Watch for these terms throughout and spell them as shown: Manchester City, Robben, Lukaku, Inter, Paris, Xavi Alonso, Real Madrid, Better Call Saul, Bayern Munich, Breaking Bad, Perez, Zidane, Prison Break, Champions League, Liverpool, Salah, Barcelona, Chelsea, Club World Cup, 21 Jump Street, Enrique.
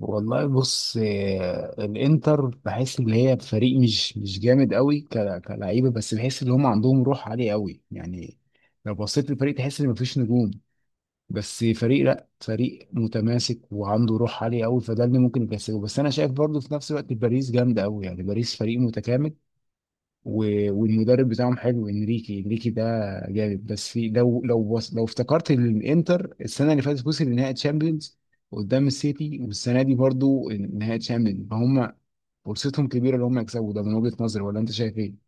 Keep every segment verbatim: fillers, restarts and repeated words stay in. والله بص، آه، الانتر بحس ان هي فريق مش مش جامد قوي ك- كلعيبه، بس بحس ان هم عندهم روح عاليه قوي يعني. لو بصيت للفريق تحس ان مفيش نجوم، بس فريق، لا فريق متماسك وعنده روح عاليه قوي، فده اللي ممكن يكسبه. بس انا شايف برضو في نفس الوقت باريس جامده قوي يعني باريس فريق متكامل. و- والمدرب بتاعهم حلو، انريكي، انريكي ده جامد. بس في لو لو وص- لو افتكرت الانتر السنه اللي فاتت وصل لنهائي تشامبيونز قدام السيتي، والسنه دي برضو نهائي تشامبيونز، فهم فرصتهم كبيره ان هم يكسبوا ده، من وجهه نظري، ولا انت شايف ايه؟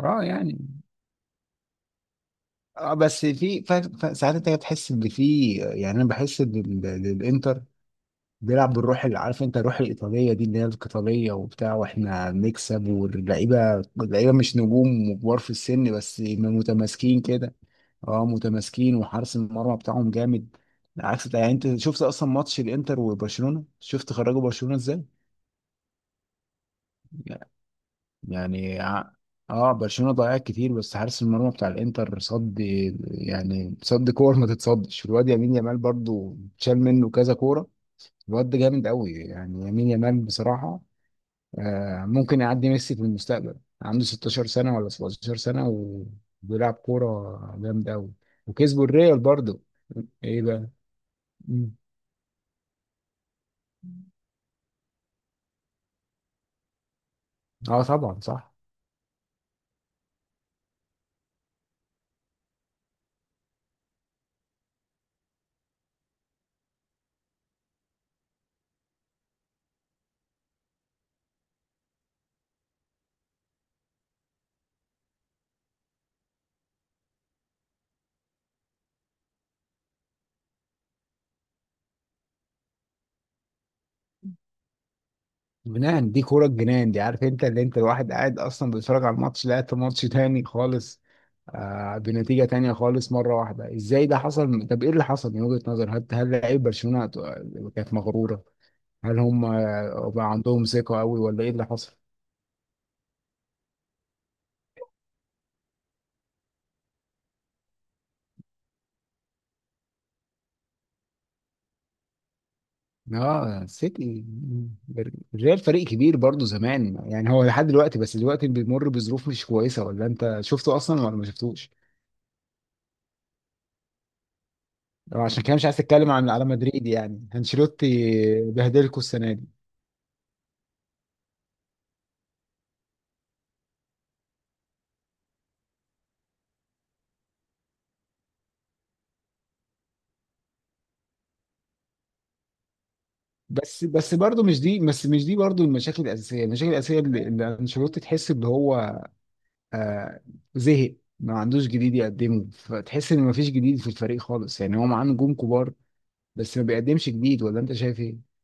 اه يعني. اه بس في ف- ف- ساعات انت بتحس ان في، يعني انا بحس ان ال- الانتر بيلعب بالروح، اللي عارف انت الروح الايطاليه دي اللي هي القتاليه وبتاع، واحنا بنكسب، واللعيبه، اللعيبه مش نجوم وكبار في السن، بس متماسكين كده. اه متماسكين، وحارس المرمى بتاعهم جامد، عكس يعني. انت شفت اصلا ماتش الانتر وبرشلونه؟ شفت خرجوا برشلونه ازاي؟ يعني ع- اه برشلونه ضيعت كتير، بس حارس المرمى بتاع الانتر صد، يعني صد كور ما تتصدش. والواد يمين يامال برضو شال منه كذا كوره، الواد ده جامد قوي يعني يمين يامال بصراحه. آه، ممكن يعدي ميسي في المستقبل. عنده 16 سنة ولا 17 سنة، وبيلعب كورة جامدة أوي، وكسبوا الريال برضه. إيه بقى؟ مم. أه طبعا صح. جنان، دي كورة الجنان دي، عارف أنت، اللي أنت الواحد قاعد أصلا بيتفرج على الماتش لقيت ماتش تاني خالص، آه بنتيجة تانية خالص مرة واحدة. إزاي ده حصل؟ طب إيه اللي حصل من وجهة نظر، هل هل لعيب برشلونة كانت مغرورة؟ هل هم، آه، بقى عندهم ثقة أوي، ولا إيه اللي حصل؟ اه سيتي. الريال فريق كبير برضه زمان، يعني هو لحد دلوقتي، بس دلوقتي بيمر بظروف مش كويسه. ولا انت شفته اصلا ولا ما شفتوش؟ أو عشان كده مش عايز اتكلم عن، على مدريد يعني، انشيلوتي بهدلكوا السنه دي. بس بس برضه مش دي، بس مش دي برضه، المشاكل الاساسيه، المشاكل الاساسيه اللي اللي انشيلوتي، تحس ان هو، آه، زهق، ما عندوش جديد يقدمه، فتحس ان ما فيش جديد في الفريق خالص. يعني هو معاه نجوم كبار، بس ما بيقدمش جديد، ولا انت شايف ايه؟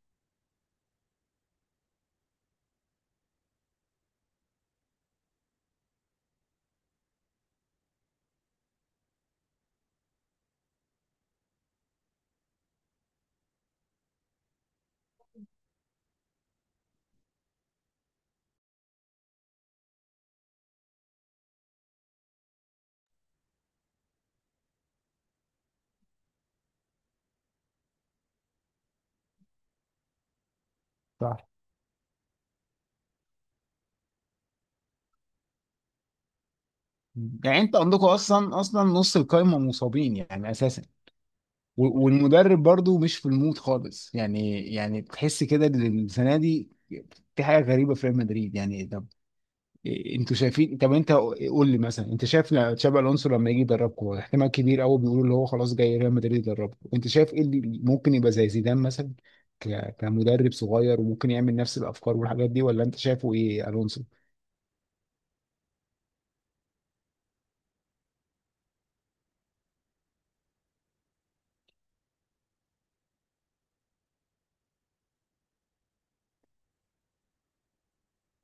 يعني انت عندكم اصلا اصلا نص القايمه مصابين يعني اساسا. و- والمدرب برضو مش في المود خالص يعني، يعني تحس كده ان السنه دي في حاجه غريبه في ريال مدريد. يعني طب انتوا شايفين؟ طب انت قول لي مثلا، انت شايف لا- تشابي الونسو لما يجي يدربكم، هو احتمال كبير قوي بيقولوا اللي هو خلاص جاي ريال مدريد يدربكم، انت شايف ايه اللي ممكن يبقى زي زيدان مثلا، ك- كمدرب صغير، وممكن يعمل نفس الافكار والحاجات دي، ولا انت شايفه ايه الونسو؟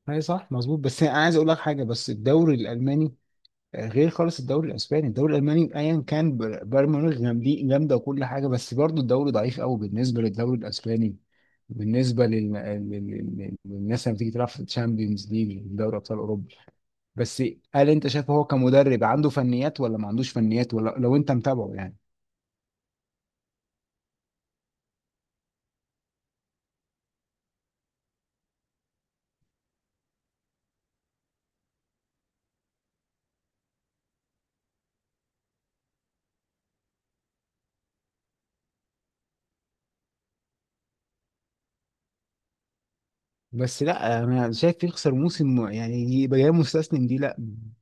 اي صح مظبوط، بس انا عايز اقول لك حاجه، بس الدوري الالماني غير خالص الدوري الاسباني. الدوري الالماني ايا كان، بر- بايرن ميونخ جامدين- جامده، وكل حاجه، بس برضو الدوري ضعيف قوي بالنسبه للدوري الاسباني، بالنسبه لل، لل، لل- للناس لما تيجي تلعب في الشامبيونز ليج، دوري ابطال اوروبا. بس هل انت شايف هو كمدرب عنده فنيات، ولا ما عندوش فنيات، ولا لو انت متابعه يعني. بس لا انا شايف يخسر موسم يعني، يبقى جاي مستسلم، دي لا.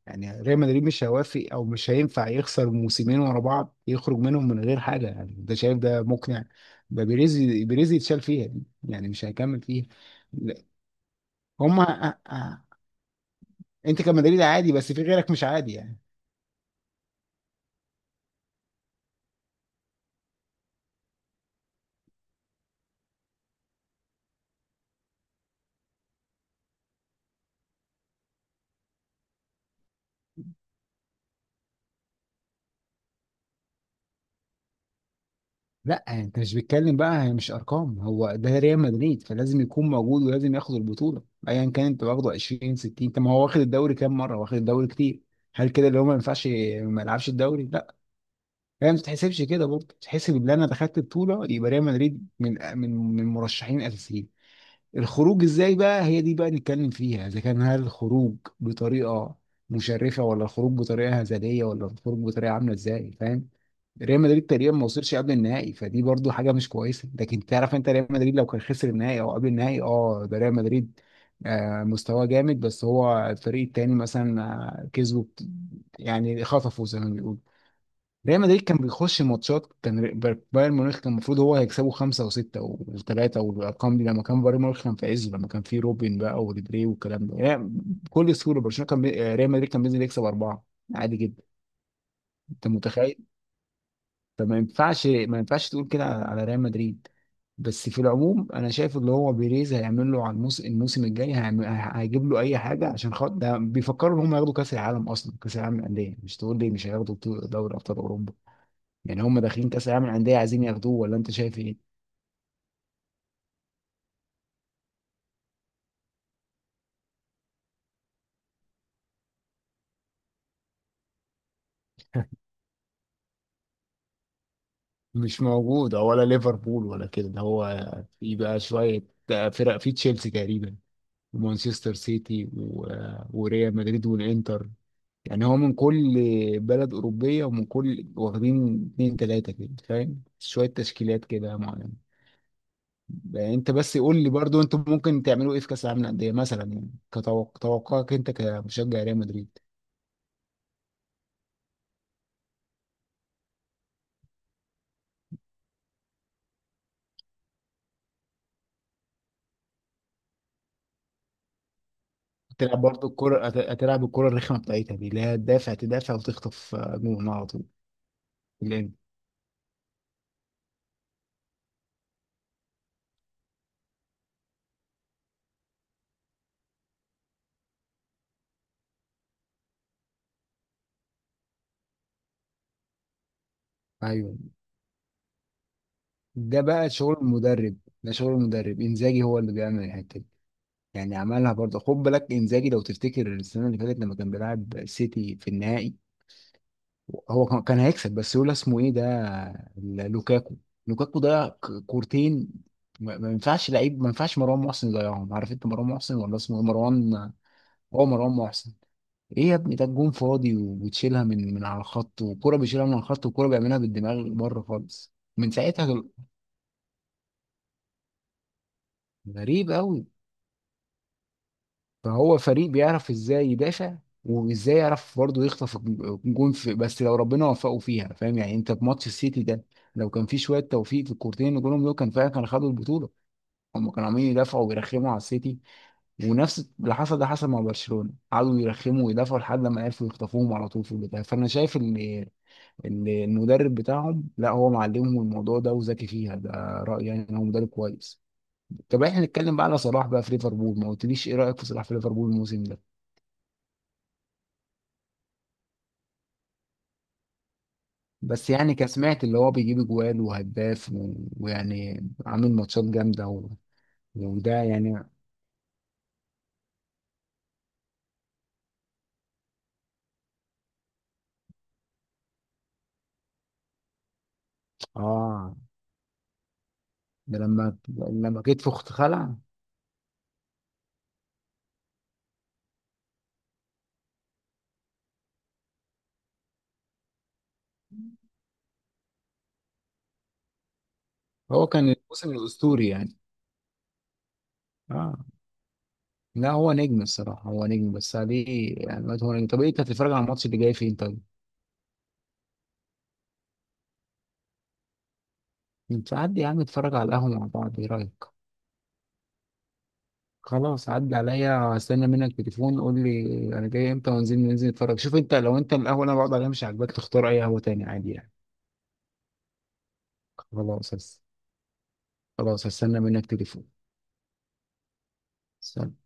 يعني ريال مدريد مش هيوافق، او مش هينفع يخسر موسمين ورا بعض يخرج منهم من غير حاجه. يعني ده، شايف ده مقنع؟ ده بيريز، بيريز يتشال فيها دي، يعني مش هيكمل فيها. لا، هما، أ- أ- انت كمدريد عادي، بس في غيرك مش عادي يعني. لا انت مش بتتكلم بقى، هي مش ارقام، هو ده ريال مدريد، فلازم يكون موجود، ولازم ياخد البطوله ايا كان. انت واخده عشرين ستين، طب ما هو واخد الدوري كام مره، واخد الدوري كتير. هل كده اللي هو ما ينفعش ما يلعبش الدوري؟ لا، هي ما بتتحسبش كده برضه، بتتحسب ان انا دخلت بطوله، يبقى ريال مدريد من من من مرشحين اساسيين. الخروج ازاي بقى، هي دي بقى نتكلم فيها، اذا كان، هل الخروج بطريقه مشرفه، ولا الخروج بطريقه هزليه، ولا الخروج بطريقه عامله ازاي، فاهم. ريال مدريد تقريبا ما وصلش قبل النهائي، فدي برضو حاجه مش كويسه. لكن تعرف انت ريال مدريد لو كان خسر النهائي او قبل النهائي، اه ده ريال مدريد، آه مستواه جامد، بس هو الفريق التاني مثلا، آه، كسبه بت- يعني خطفه زي ما بيقولوا. ريال مدريد كان بيخش ماتشات، كان ري- بر- بايرن ميونخ كان المفروض هو هيكسبه خمسة وستة وثلاثة، والأرقام دي لما كان بايرن ميونخ كان في عزه، لما كان في روبن بقى وريبيري والكلام ده يعني. بكل سهولة برشلونة كان بي... آه، ريال مدريد كان بينزل يكسب أربعة عادي جدا. أنت متخيل؟ فما ينفعش، ما ينفعش تقول كده على، على ريال مدريد. بس في العموم، أنا شايف اللي هو بيريز هيعمل له على الموس، الموسم الجاي، هيعمل، هيجيب له أي حاجة، عشان خاطر ده بيفكروا إن هم ياخدوا كأس العالم. أصلا كأس العالم للأندية، مش تقول لي مش هياخدوا بطولة دوري أبطال أوروبا، يعني هم داخلين كاس العالم للانديه عايزين ياخدوه، ولا انت شايف ايه؟ مش موجود، أو ولا ليفربول ولا كده. ده هو في بقى شويه فرق، في تشيلسي تقريبا، ومانشستر سيتي، و... وريال مدريد والانتر. يعني هو من كل بلد أوروبية ومن كل واخدين اتنين تلاتة كده، فاهم، شوية تشكيلات كده معينة. يعني أنت بس قول لي برضو، أنتوا ممكن تعملوا إيه في كأس العالم للأندية مثلا، يعني كتوقعك أنت كمشجع ريال مدريد. هتلعب برضه الكرة، هت- هتلعب الكرة الرخمة بتاعتها دي، اللي هي تدافع تدافع وتخطف آه، جون على طول في الإند. أيوه، ده بقى شغل المدرب. ده شغل المدرب إنزاجي، هو اللي بيعمل الحتة دي. يعني عملها برضه، خد بالك إنزاجي، لو تفتكر السنة اللي فاتت لما كان بيلعب سيتي في النهائي، هو كان كان هيكسب، بس لولا اسمه إيه ده، ال- لوكاكو. لوكاكو ضيع ك- كورتين. ما ما ينفعش لعيب، ما ينفعش مروان محسن يضيعهم، عارف انت مروان محسن، ولا اسمه إيه؟ مروان، هو مروان محسن. ايه يا ابني، ده الجون فاضي وبتشيلها من من على الخط، وكرة بيشيلها من على الخط، وكرة بيعملها بالدماغ بره خالص، من ساعتها دول- غريب قوي. فهو فريق بيعرف ازاي يدافع، وازاي يعرف برضه يخطف الج- الجون، في بس لو ربنا وفقه فيها، فاهم يعني، انت في ماتش السيتي ده لو كان في شويه توفيق في الكورتين اللي جولهم دول، كان فعلا كانوا خدوا البطوله، هم كانوا عمالين يدافعوا ويرخموا على السيتي. ونفس اللي حصل ده حصل مع برشلونه، قعدوا يرخموا ويدافعوا لحد ما عرفوا يخطفوهم على طول في البدايه. فانا شايف ان ان المدرب بتاعهم، لا هو معلمهم الموضوع ده وذكي فيها، ده رايي يعني، ان هو مدرب كويس. طب احنا نتكلم بقى على صلاح بقى في ليفربول، ما قلتليش ايه رايك في صلاح في ليفربول الموسم ده. بس يعني كسمعت اللي هو بيجيب اجوال وهداف و- ويعني عامل ماتشات جامده و... وده يعني. اه، ده لما لما جيت في اخت خلع. هو كان الموسم الاسطوري يعني. اه، لا هو نجم الصراحه، هو نجم بس عليه، يعني هو نجم. طب إيه، انت هتتفرج على الماتش اللي جاي فين طيب؟ انت عدي يا عم، اتفرج على القهوه مع بعض، ايه رايك؟ خلاص عدى عليا، استنى منك تليفون، قول لي انا جاي امتى، وننزل ننزل نتفرج. شوف انت، لو انت القهوه اللي انا بقعد عليها مش عاجباك، تختار اي قهوه تاني، عادي يعني. خلاص هس... خلاص هستنى منك تليفون. سلام.